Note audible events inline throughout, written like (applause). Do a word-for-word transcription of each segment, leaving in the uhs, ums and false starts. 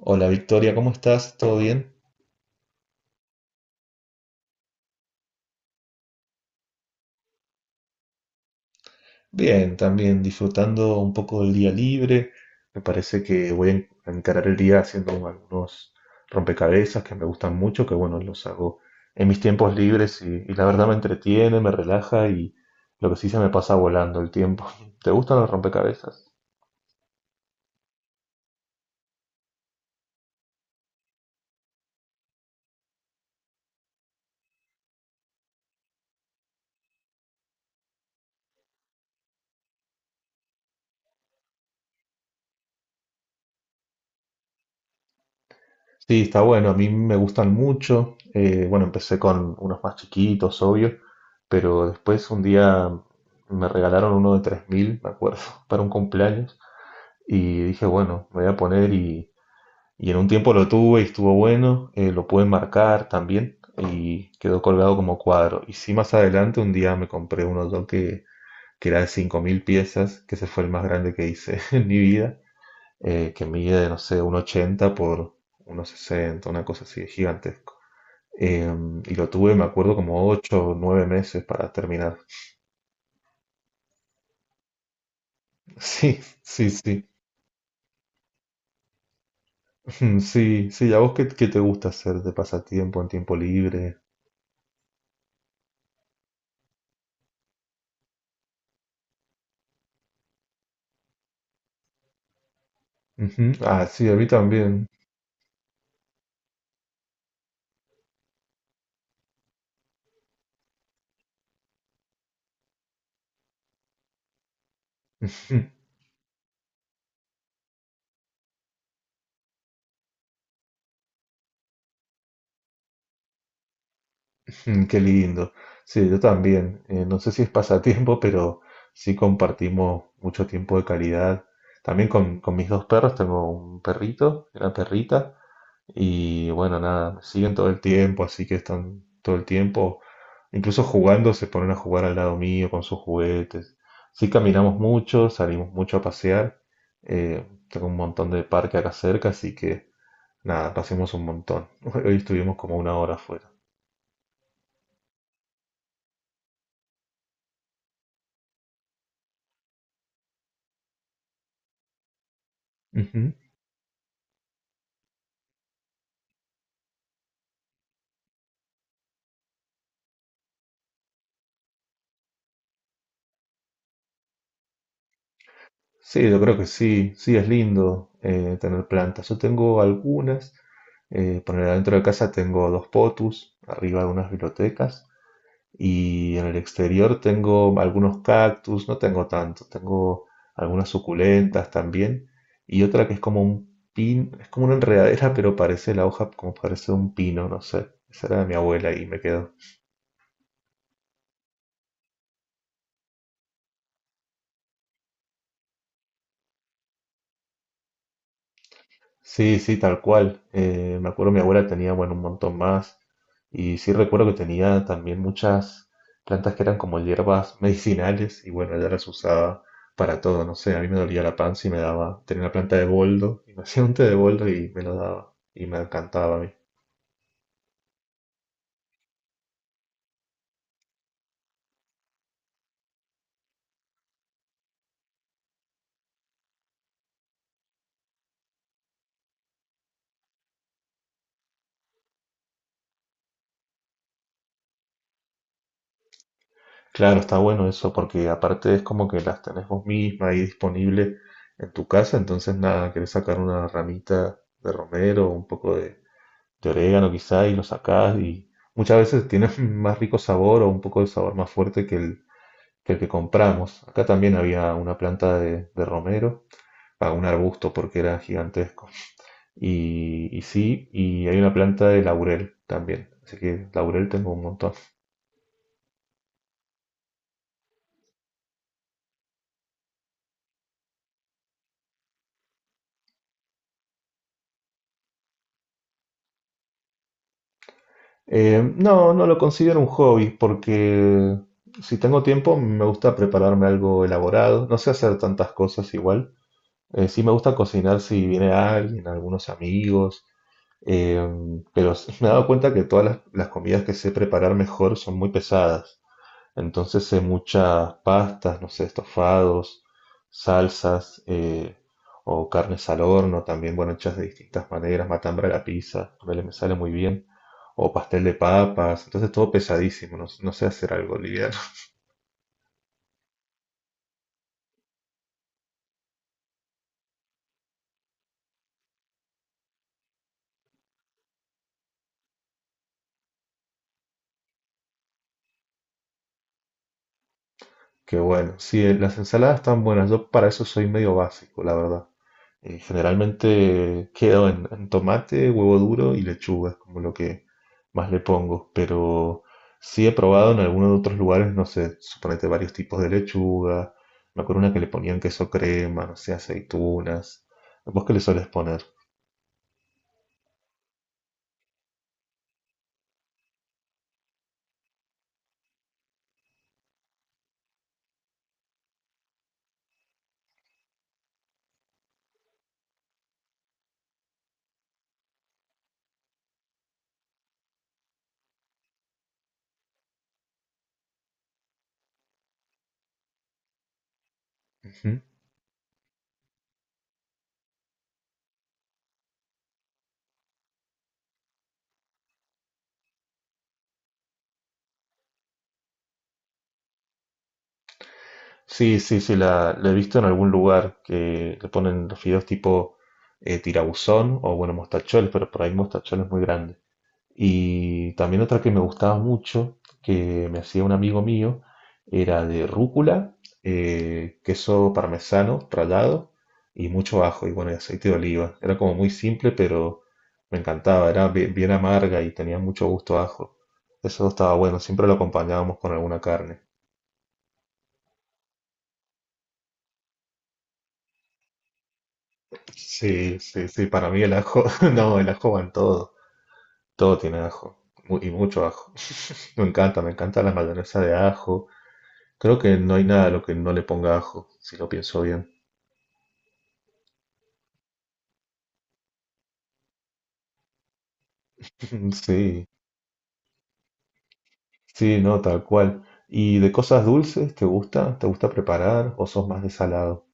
Hola Victoria, ¿cómo estás? ¿Todo bien? Bien, también disfrutando un poco del día libre. Me parece que voy a en- a encarar el día haciendo algunos rompecabezas que me gustan mucho, que bueno, los hago en mis tiempos libres y, y la verdad me entretiene, me relaja y lo que sí se me pasa volando el tiempo. (laughs) ¿Te gustan los rompecabezas? Sí, está bueno, a mí me gustan mucho. Eh, bueno, empecé con unos más chiquitos, obvio, pero después un día me regalaron uno de tres mil, me acuerdo, (laughs) para un cumpleaños. Y dije, bueno, me voy a poner y, y en un tiempo lo tuve y estuvo bueno, eh, lo pude marcar también y quedó colgado como cuadro. Y sí, más adelante un día me compré un otro que, que era de cinco mil piezas, que ese fue el más grande que hice (laughs) en mi vida, eh, que mide, no sé, un ochenta por unos sesenta una cosa así, gigantesco. Eh, y lo tuve, me acuerdo, como ocho o nueve meses para terminar. (laughs) Sí, sí, sí. (laughs) Sí, sí. ¿A vos qué, qué te gusta hacer de pasatiempo en tiempo libre? Ujú. Ah, sí, a mí también. (laughs) Qué lindo. Sí, yo también. Eh, no sé si es pasatiempo, pero sí compartimos mucho tiempo de calidad. También con, con mis dos perros. Tengo un perrito, una perrita. Y bueno, nada, me siguen todo el tiempo, así que están todo el tiempo. Incluso jugando, se ponen a jugar al lado mío con sus juguetes. Sí, caminamos mucho, salimos mucho a pasear. Eh, tengo un montón de parque acá cerca, así que... Nada, pasemos un montón. (laughs) Hoy estuvimos como una hora afuera. Ujú. Sí, yo creo que sí, sí es lindo, eh, tener plantas. Yo tengo algunas, eh, poner adentro de casa tengo dos potus, arriba algunas bibliotecas y en el exterior tengo algunos cactus, no tengo tanto, tengo algunas suculentas también y otra que es como un pin, es como una enredadera pero parece la hoja como parece un pino, no sé. Esa era de mi abuela y me quedó. Sí, sí, tal cual. Eh, me acuerdo mi abuela tenía, bueno, un montón más. Y sí recuerdo que tenía también muchas plantas que eran como hierbas (laughs) medicinales y bueno, ella las usaba para todo. No sé, a mí me dolía la panza y me daba, tenía una planta de boldo y me (laughs) hacía un té de boldo y me lo daba y me encantaba a mí. Claro, está bueno eso porque aparte es como que las tenés vos misma ahí disponible en tu casa, entonces nada, querés sacar una ramita de romero, un poco de orégano quizá y lo sacás y muchas veces tiene (laughs) más rico sabor o un poco de sabor más fuerte que el que, el que compramos. Acá también había una planta de, de romero, a un arbusto porque era gigantesco. Y, y sí, y hay una planta de laurel también. Así que laurel tengo un montón. Eh, no, no lo considero un hobby porque si tengo tiempo me gusta prepararme algo elaborado. No sé hacer tantas cosas igual. Eh, sí me gusta cocinar si viene alguien, algunos amigos, eh, pero s- (laughs) me he dado cuenta que todas las, las comidas que sé preparar mejor son muy pesadas. Entonces sé muchas pastas, no sé, estofados, salsas, eh, o carnes al horno, también, bueno, hechas de distintas maneras, matambra a la pizza, ponele, me sale muy bien, o pastel de papas, entonces todo pesadísimo, no, no sé hacer algo liviano. (laughs) Que bueno, sí, eh, las ensaladas están buenas, yo para eso soy medio básico, la verdad. Eh, generalmente quedo en, en tomate, huevo duro y lechuga, es como lo que más le pongo. Pero sí he probado en algunos otros lugares, no sé, suponete varios tipos de lechuga. Me acuerdo una que le ponían queso crema, no sé, aceitunas. ¿Vos qué le sueles poner? Ujú. Sí, sí, sí, la, la he visto en algún lugar que le ponen los fideos tipo, eh, tirabuzón o bueno, mostacholes, pero por ahí mostacholes muy grandes. Y también otra que me gustaba mucho, que me hacía un amigo mío, era de rúcula, eh, queso parmesano rallado y mucho ajo y bueno, y aceite de oliva. Era como muy simple, pero me encantaba, era bi- bien, amarga y tenía mucho gusto a ajo. Eso estaba bueno, siempre lo acompañábamos con alguna carne. Sí, sí, sí, para mí el ajo, (laughs) no, el ajo va en todo, todo tiene ajo mu- y mucho ajo. (laughs) Me encanta, me encanta la mayonesa de ajo. Creo que no hay nada a lo que no le ponga ajo, si lo pienso bien. (laughs) Sí, sí, no, tal cual. ¿Y de cosas dulces, te gusta? ¿Te gusta preparar o sos más de salado?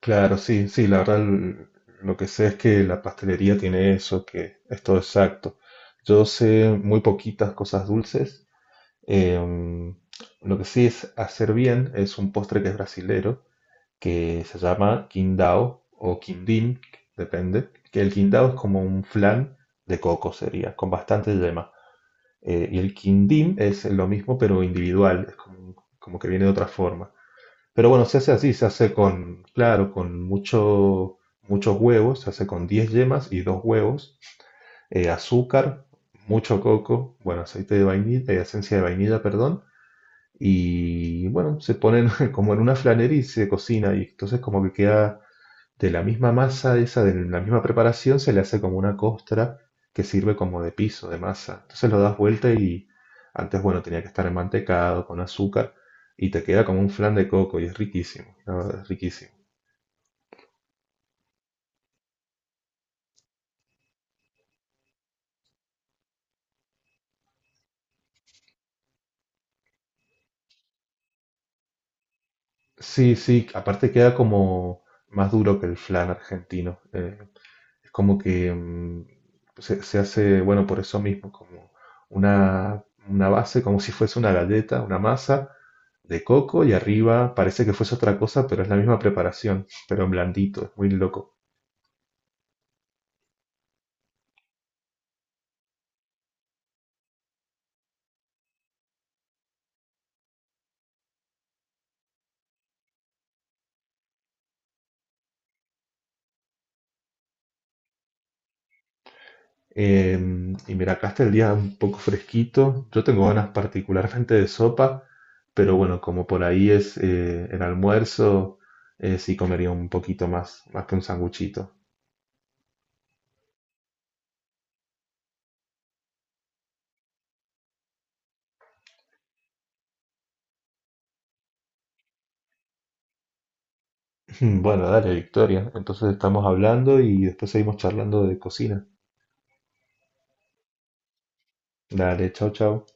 Claro, sí, sí, la verdad, l- lo que sé es que la pastelería tiene eso, que es todo exacto. Yo sé muy poquitas cosas dulces. em, lo que sí es hacer bien es un postre que es brasilero, que se llama Qingdao o Quindín, depende, que el Qingdao es como un flan de coco sería, con bastante yema. Eh, y el Quindín es lo mismo pero individual, es como, como que viene de otra forma. Pero bueno, se hace así, se hace con, claro, con mucho, muchos huevos, se hace con diez yemas y dos huevos, eh, azúcar, mucho coco, bueno, aceite de vainilla, eh, esencia de vainilla, perdón, y bueno, se ponen (laughs) como en una flanería y se cocina, y entonces como que queda de la misma masa esa, de la misma preparación, se le hace como una costra que sirve como de piso, de masa. Entonces lo das vuelta y antes, bueno, tenía que estar mantecado con azúcar y te queda como un flan de coco y es riquísimo, la verdad, es riquísimo. Sí, sí, aparte queda como más duro que el flan argentino. Eh, es como que mm, se, se hace, bueno, por eso mismo, como una, una base, como si fuese una galleta, una masa, de coco y arriba parece que fuese otra cosa, pero es la misma preparación, pero en blandito, es muy loco. Eh, y mira, acá está el día un poco fresquito. Yo tengo ganas particularmente de sopa, pero bueno, como por ahí es, eh, el almuerzo, eh, sí comería un poquito más, más que un sanguchito. (laughs) Bueno, dale, Victoria. Entonces estamos hablando y después seguimos charlando de cocina. Dale, chao, chao.